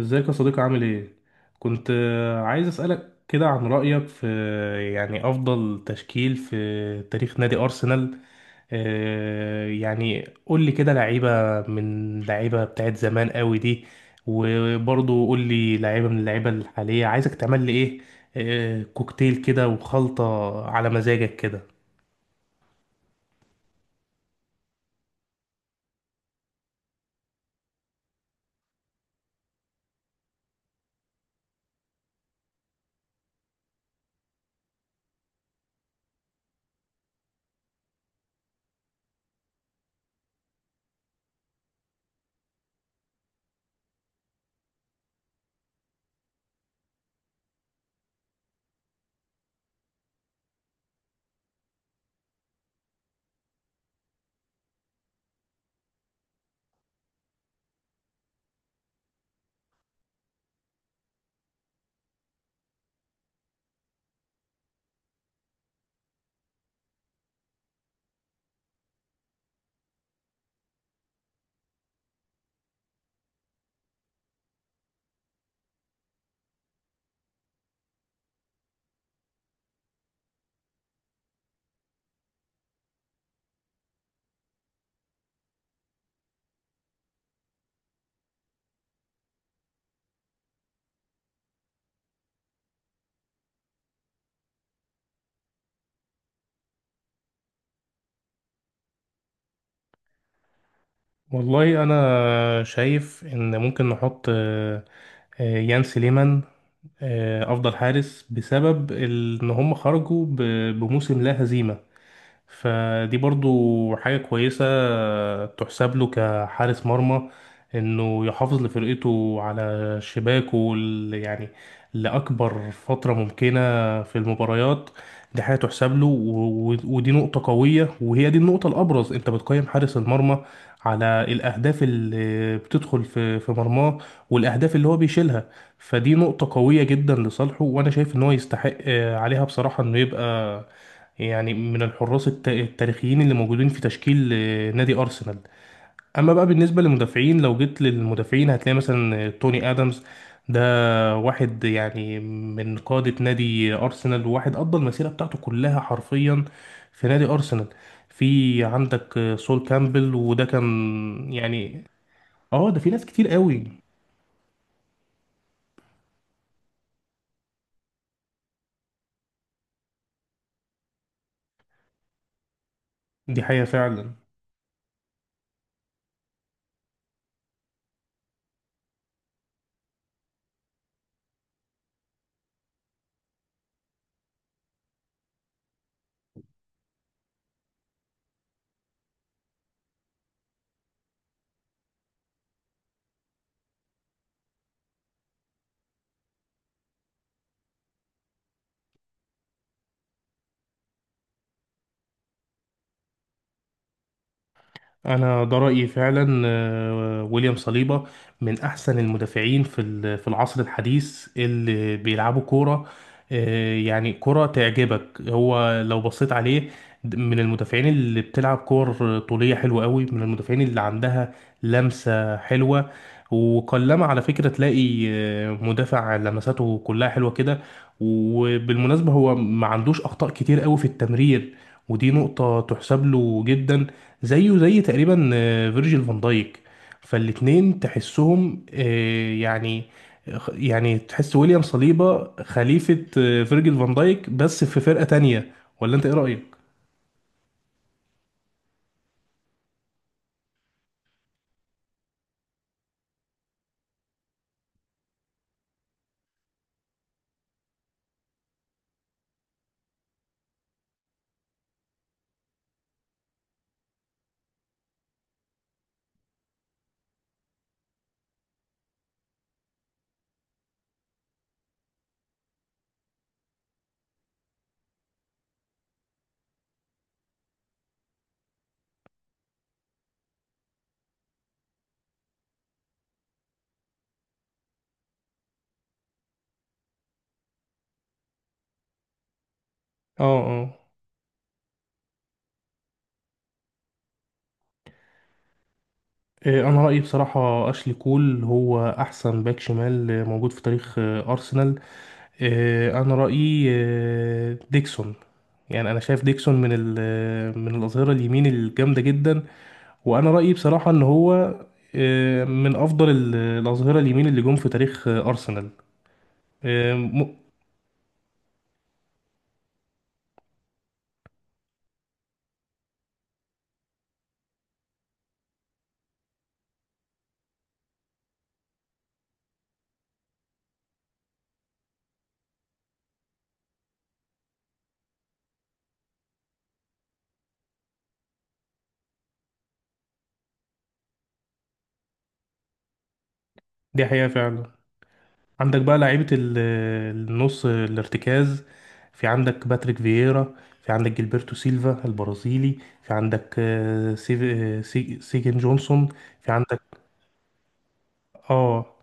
ازيك يا صديقي عامل ايه؟ كنت عايز اسألك كده عن رأيك في يعني أفضل تشكيل في تاريخ نادي أرسنال. يعني قول لي كده لعيبة من لعيبة بتاعت زمان قوي دي، وبرضه قول لي لعيبة من اللعيبة الحالية عايزك تعمل لي ايه، كوكتيل كده وخلطة على مزاجك كده. والله أنا شايف إن ممكن نحط يان سليمان، افضل حارس بسبب ان هم خرجوا بموسم لا هزيمه. فدي برضو حاجة كويسة تحسب له كحارس مرمى، انه يحافظ لفرقته على شباكه يعني لأكبر فترة ممكنة في المباريات. دي حاجة تحسب له ودي نقطة قوية، وهي دي النقطة الأبرز. أنت بتقيم حارس المرمى على الأهداف اللي بتدخل في مرماه، والأهداف اللي هو بيشيلها. فدي نقطة قوية جدا لصالحه، وأنا شايف إن هو يستحق عليها بصراحة إنه يبقى يعني من الحراس التاريخيين اللي موجودين في تشكيل نادي أرسنال. أما بقى بالنسبة للمدافعين، لو جيت للمدافعين هتلاقي مثلا توني آدمز، ده واحد يعني من قادة نادي أرسنال، وواحد قضى المسيرة بتاعته كلها حرفيا في نادي أرسنال. في عندك سول كامبل، وده كان يعني. اه، ده في ناس كتير قوي. دي حقيقة فعلا. انا ده رايي فعلا، ويليام صليبا من احسن المدافعين في في العصر الحديث اللي بيلعبوا كوره. يعني كوره تعجبك. هو لو بصيت عليه، من المدافعين اللي بتلعب كور طوليه حلوه قوي، من المدافعين اللي عندها لمسه حلوه. وقلما على فكره تلاقي مدافع لمساته كلها حلوه كده. وبالمناسبه هو ما عندوش اخطاء كتير قوي في التمرير، ودي نقطه تحسب له جدا. زيه زي تقريبا فيرجيل فان دايك، فالاتنين تحسهم يعني تحس ويليام صليبا خليفة فيرجيل فان دايك بس في فرقة تانية. ولا انت ايه رأيك؟ اه، اه. انا رأيي بصراحة اشلي كول هو احسن باك شمال موجود في تاريخ ارسنال. انا رأيي ديكسون. يعني انا شايف ديكسون من من الاظهرة اليمين الجامدة جدا، وانا رايي بصراحه ان هو من افضل الاظهره اليمين اللي جم في تاريخ ارسنال. آه، م- دي حقيقه فعلا. عندك بقى لعيبه النص الارتكاز. في عندك باتريك فييرا، في عندك جilberto سيلفا البرازيلي، في عندك سيجن جونسون، في عندك. اه.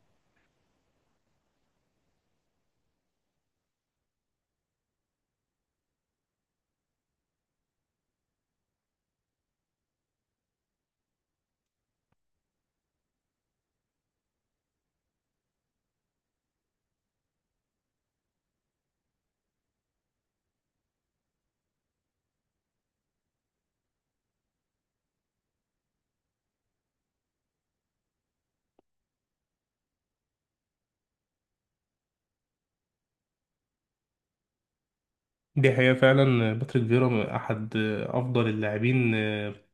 دي حقيقة فعلا. باتريك فيرا أحد أفضل اللاعبين،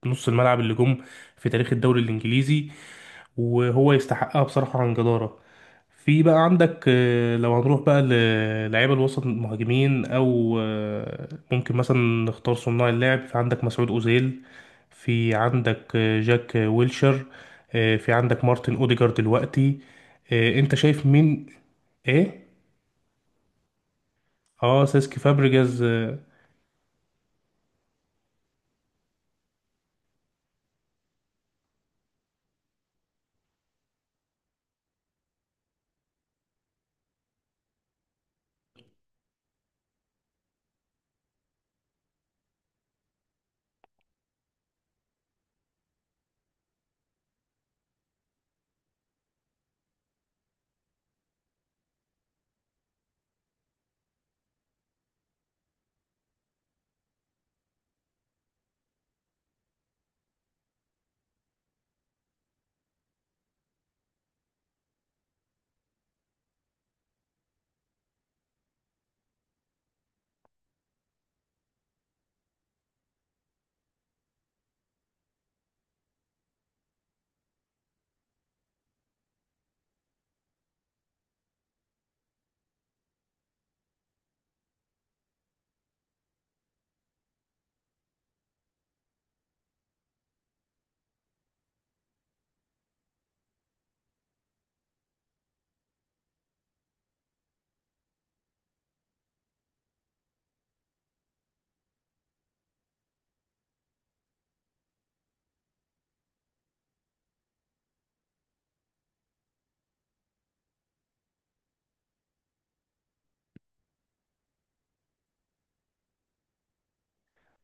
نص الملعب اللي جم في تاريخ الدوري الإنجليزي، وهو يستحقها بصراحة عن جدارة. في بقى عندك لو هنروح بقى للعيبة الوسط المهاجمين، أو ممكن مثلا نختار صناع اللعب. في عندك مسعود أوزيل، في عندك جاك ويلشر، في عندك مارتن أوديجارد دلوقتي. أنت شايف مين؟ إيه؟ سيسكي فابريجاز. آه،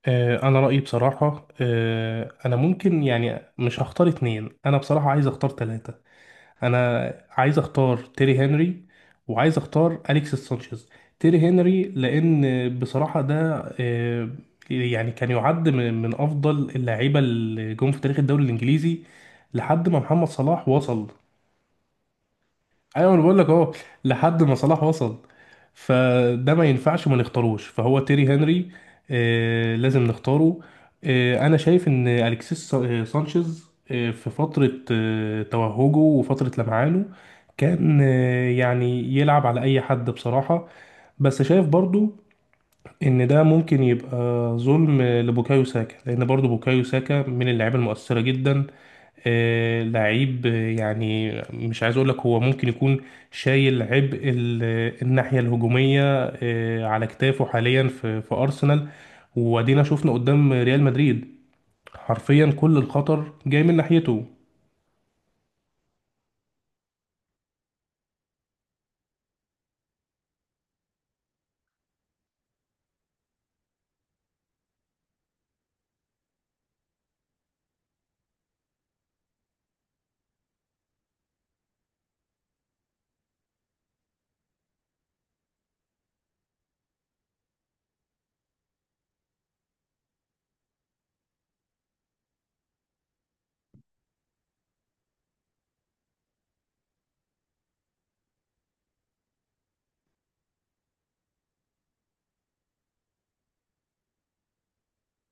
آه، أنا رأيي بصراحة، أنا ممكن يعني مش هختار اتنين، أنا بصراحة عايز أختار تلاتة. انا عايز اختار تيري هنري، وعايز اختار اليكس سانشيز. تيري هنري، لان بصراحه ده آه، يعني كان يعد من افضل اللعيبه اللي جم في تاريخ الدوري الانجليزي لحد ما محمد صلاح وصل. ايوه، انا بقول لك اهو، لحد ما صلاح وصل. فده ما ينفعش ما نختاروش، فهو تيري هنري. لازم نختاره. انا شايف ان الكسيس سانشيز في فتره توهجه وفتره لمعانه. كان يعني يلعب على اي حد بصراحه. بس شايف برضو ان ده ممكن يبقى ظلم لبوكايو ساكا، لان برضو بوكايو ساكا من اللعيبه المؤثره جدا. آه، لعيب آه، يعني مش عايز اقول لك هو ممكن يكون شايل عبء الناحيه الهجوميه على كتافه حاليا في ارسنال. وادينا شفنا قدام ريال مدريد، حرفيا كل الخطر جاي من ناحيته.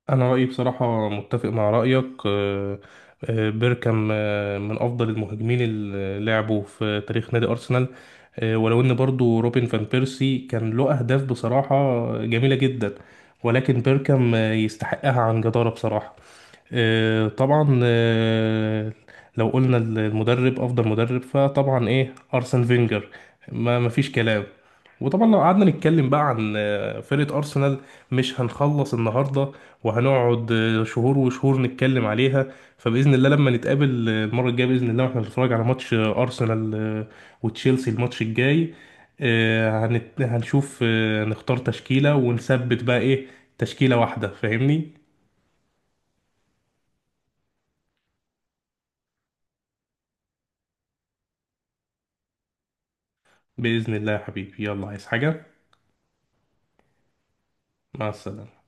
انا رايي بصراحه متفق مع رايك، بيركام من افضل المهاجمين اللي لعبوا في تاريخ نادي ارسنال. ولو ان برضو روبن فان بيرسي كان له اهداف بصراحه جميله جدا، ولكن بيركام يستحقها عن جداره بصراحه. طبعا، لو قلنا المدرب افضل مدرب فطبعا ايه ارسن فينجر. ما فيش كلام. وطبعا لو قعدنا نتكلم بقى عن فرقة ارسنال مش هنخلص النهارده، وهنقعد شهور وشهور نتكلم عليها. فباذن الله لما نتقابل المره الجايه باذن الله، واحنا بنتفرج على ماتش ارسنال وتشيلسي الماتش الجاي، هنشوف نختار تشكيله ونثبت بقى ايه. تشكيله واحده فاهمني. بإذن الله يا حبيبي، يلا عايز حاجة؟ مع السلامة.